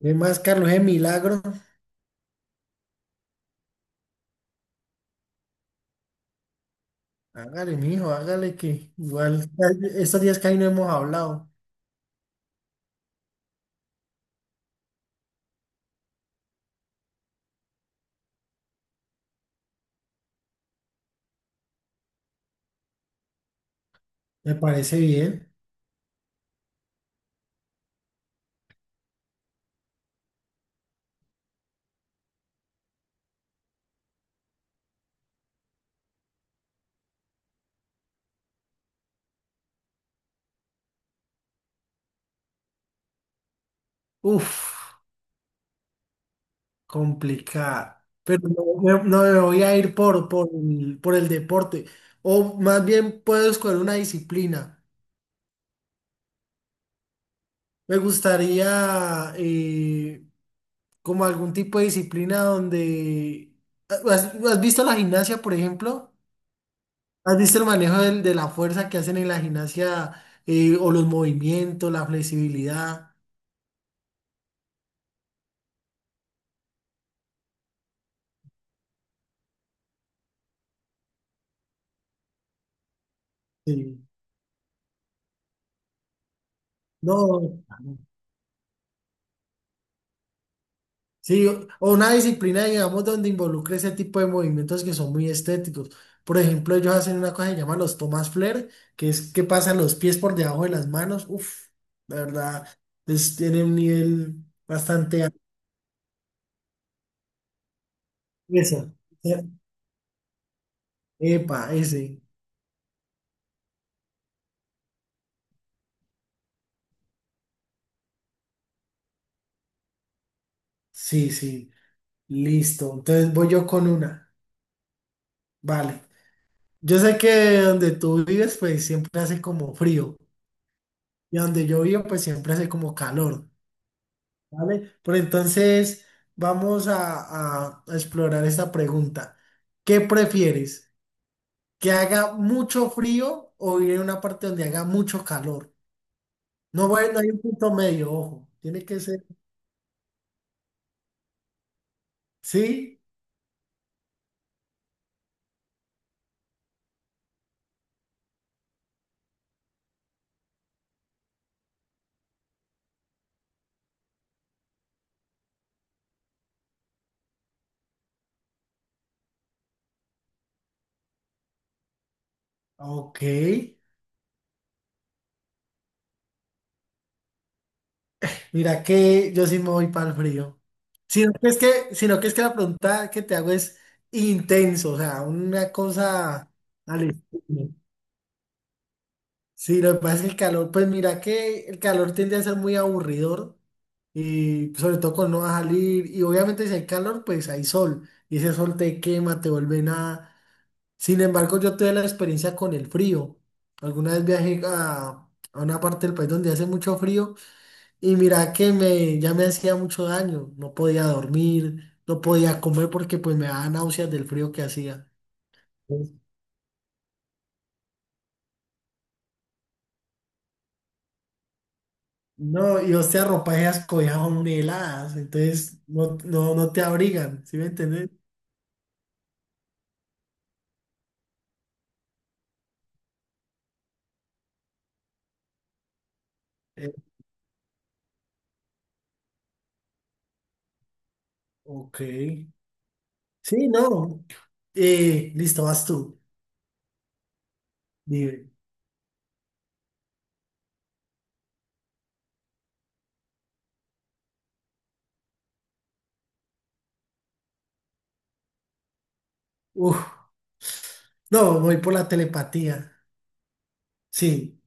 ¿Qué más, Carlos? ¿Es milagro? Hágale, mijo, hágale que igual estos días que ahí no hemos hablado. Me parece bien. Uf, complicado. Pero no, no me voy a ir por el deporte. O más bien puedo escoger una disciplina. Me gustaría como algún tipo de disciplina donde... ¿Has visto la gimnasia, por ejemplo? ¿Has visto el manejo de la fuerza que hacen en la gimnasia o los movimientos, la flexibilidad? Sí. No, sí, o una disciplina, digamos, donde involucre ese tipo de movimientos que son muy estéticos. Por ejemplo, ellos hacen una cosa que se llama los Thomas Flair, que es que pasan los pies por debajo de las manos. Uf, la verdad, es, tiene un nivel bastante alto. Esa. eh, Epa, ese. Sí, sí, listo. Entonces voy yo con una. Vale. Yo sé que donde tú vives, pues siempre hace como frío. Y donde yo vivo, pues siempre hace como calor. ¿Vale? Pero entonces vamos a explorar esta pregunta. ¿Qué prefieres? ¿Que haga mucho frío o ir a una parte donde haga mucho calor? No, bueno, hay un punto medio, ojo. Tiene que ser. ¿Sí? Ok. Mira que yo sí me voy para el frío. Sino que es que la pregunta que te hago es intenso, o sea, una cosa al estilo. Sí, lo que pasa es que el calor, pues mira que el calor tiende a ser muy aburridor y sobre todo cuando no vas a salir y obviamente si hay calor, pues hay sol y ese sol te quema, te vuelve nada. Sin embargo, yo tuve la experiencia con el frío. Alguna vez viajé a una parte del país donde hace mucho frío. Y mira que me, ya me hacía mucho daño, no podía dormir, no podía comer porque pues me daba náuseas del frío que hacía. No, y hostia, ropa esas cobijas son muy heladas, entonces no te abrigan, ¿sí me entiendes? Eh, ok. Sí, no. Listo, vas tú. Dime. Uf. No, voy por la telepatía. Sí.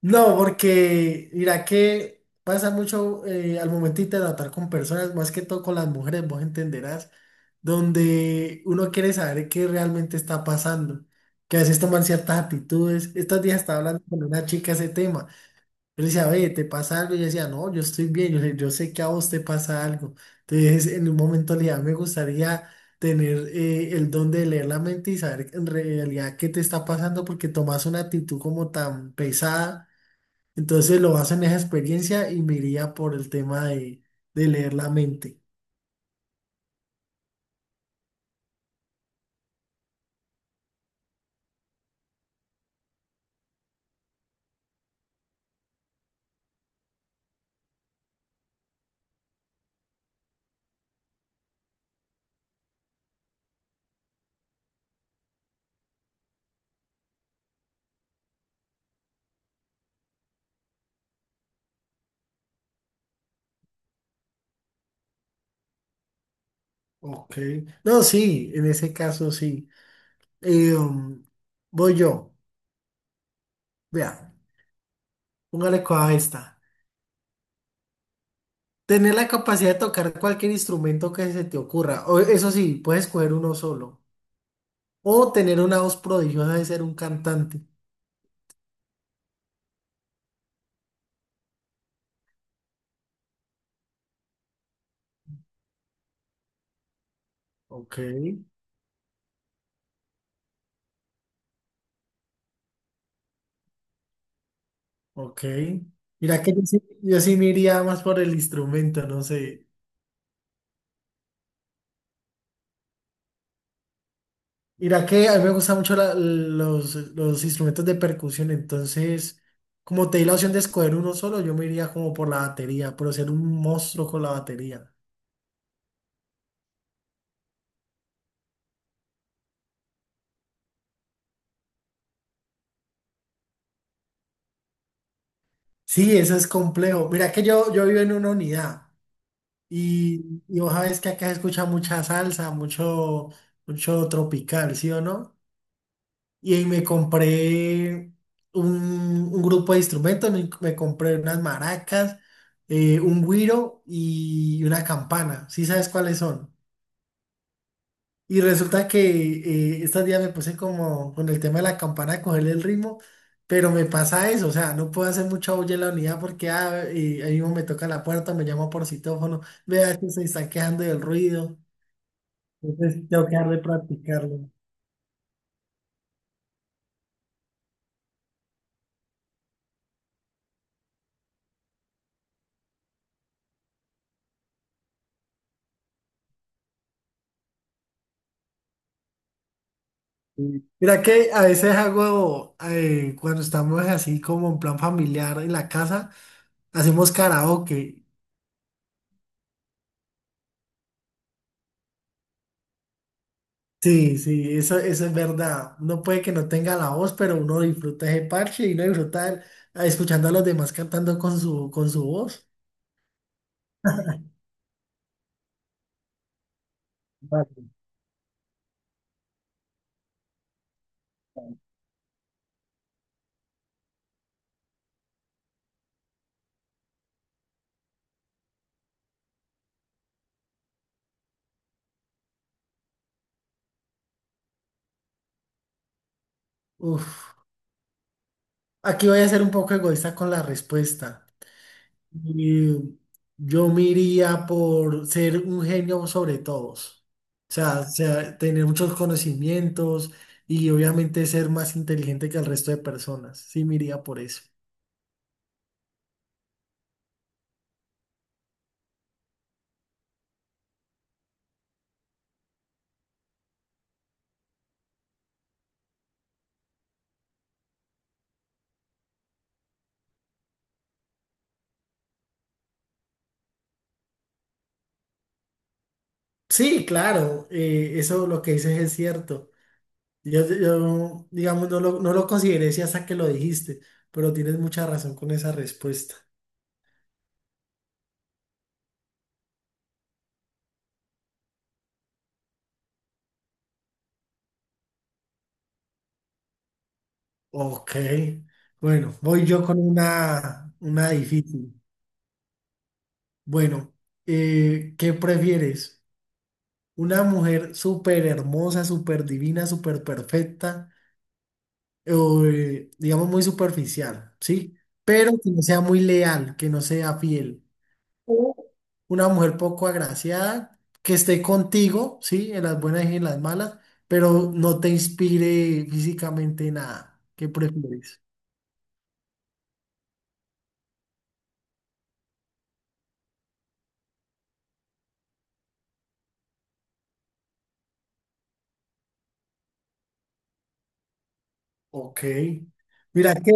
No, porque mira que pasa mucho al momentito de tratar con personas, más que todo con las mujeres, vos entenderás, donde uno quiere saber qué realmente está pasando, que a veces toman ciertas actitudes. Estos días estaba hablando con una chica ese tema. Yo le decía, oye, ¿te pasa algo? Y ella decía, no, yo estoy bien, yo sé que a vos te pasa algo. Entonces, en un momento le dije, "A mí me gustaría tener el don de leer la mente y saber en realidad qué te está pasando, porque tomas una actitud como tan pesada entonces lo baso en esa experiencia y me iría por el tema de leer la mente. Ok. No, sí, en ese caso sí. Eh, um, voy yo. Vea, póngale cuidado a esta. Tener la capacidad de tocar cualquier instrumento que se te ocurra. O, eso sí, puedes escoger uno solo. O tener una voz prodigiosa de ser un cantante. Ok, ok. Mira que yo sí, yo sí me iría más por el instrumento, no sé. Mira que a mí me gustan mucho los instrumentos de percusión, entonces, como te di la opción de escoger uno solo, yo me iría como por la batería, por ser un monstruo con la batería. Sí, eso es complejo. Mira que yo vivo en una unidad y vos sabés que acá se escucha mucha salsa, mucho, mucho tropical, ¿sí o no? Y ahí me compré un, un grupo de instrumentos, me compré unas maracas, un güiro y una campana. ¿Sí sabes cuáles son? Y resulta que estos días me puse como con el tema de la campana a cogerle el ritmo, pero me pasa eso, o sea, no puedo hacer mucha bulla en la unidad porque ahí mismo me toca la puerta, me llama por citófono, vea que se están quejando del ruido, entonces tengo que dejar de practicarlo. Sí. Mira que a veces hago, cuando estamos así como en plan familiar en la casa, hacemos karaoke. Sí, sí, eso es verdad. Uno puede que no tenga la voz, pero uno disfruta ese parche y uno disfruta escuchando a los demás cantando con su voz. Vale. Uf. Aquí voy a ser un poco egoísta con la respuesta. Y yo me iría por ser un genio sobre todos. O sea, tener muchos conocimientos y obviamente ser más inteligente que el resto de personas. Sí, me iría por eso. Sí, claro, eso lo que dices es cierto. Yo, digamos, no lo consideré si hasta que lo dijiste, pero tienes mucha razón con esa respuesta. Ok, bueno, voy yo con una difícil. Bueno, ¿qué prefieres? ¿Una mujer súper hermosa, súper divina, súper perfecta, o digamos muy superficial, ¿sí? Pero que no sea muy leal, que no sea fiel. O una mujer poco agraciada que esté contigo, sí, en las buenas y en las malas, pero no te inspire físicamente nada. ¿Qué prefieres? Ok. Mira que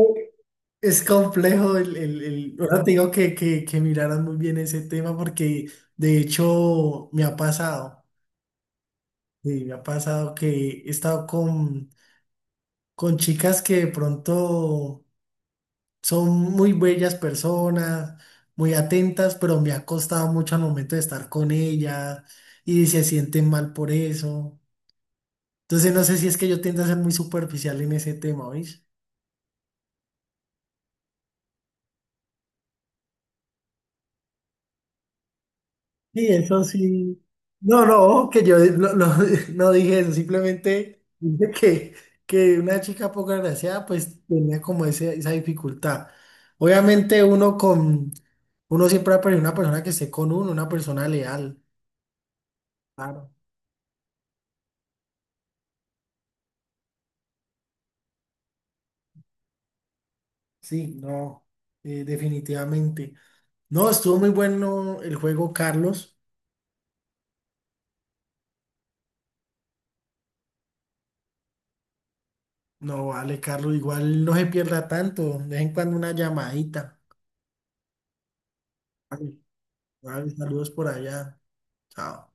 es complejo ahora te digo que, que miraras muy bien ese tema porque de hecho me ha pasado, sí, me ha pasado que he estado con chicas que de pronto son muy bellas personas, muy atentas, pero me ha costado mucho al momento de estar con ellas y se sienten mal por eso. Entonces no sé si es que yo tiendo a ser muy superficial en ese tema, ¿oís? Sí, eso sí. No, no, que yo no, no, no dije eso, simplemente dije que una chica poco agraciada pues tenía como ese, esa dificultad. Obviamente uno con, uno siempre va a preferir una persona que esté con uno, una persona leal. Claro. Sí, no, definitivamente. No, estuvo muy bueno el juego, Carlos. No, vale, Carlos, igual no se pierda tanto. De vez en cuando una llamadita. Vale, vale, saludos por allá. Chao.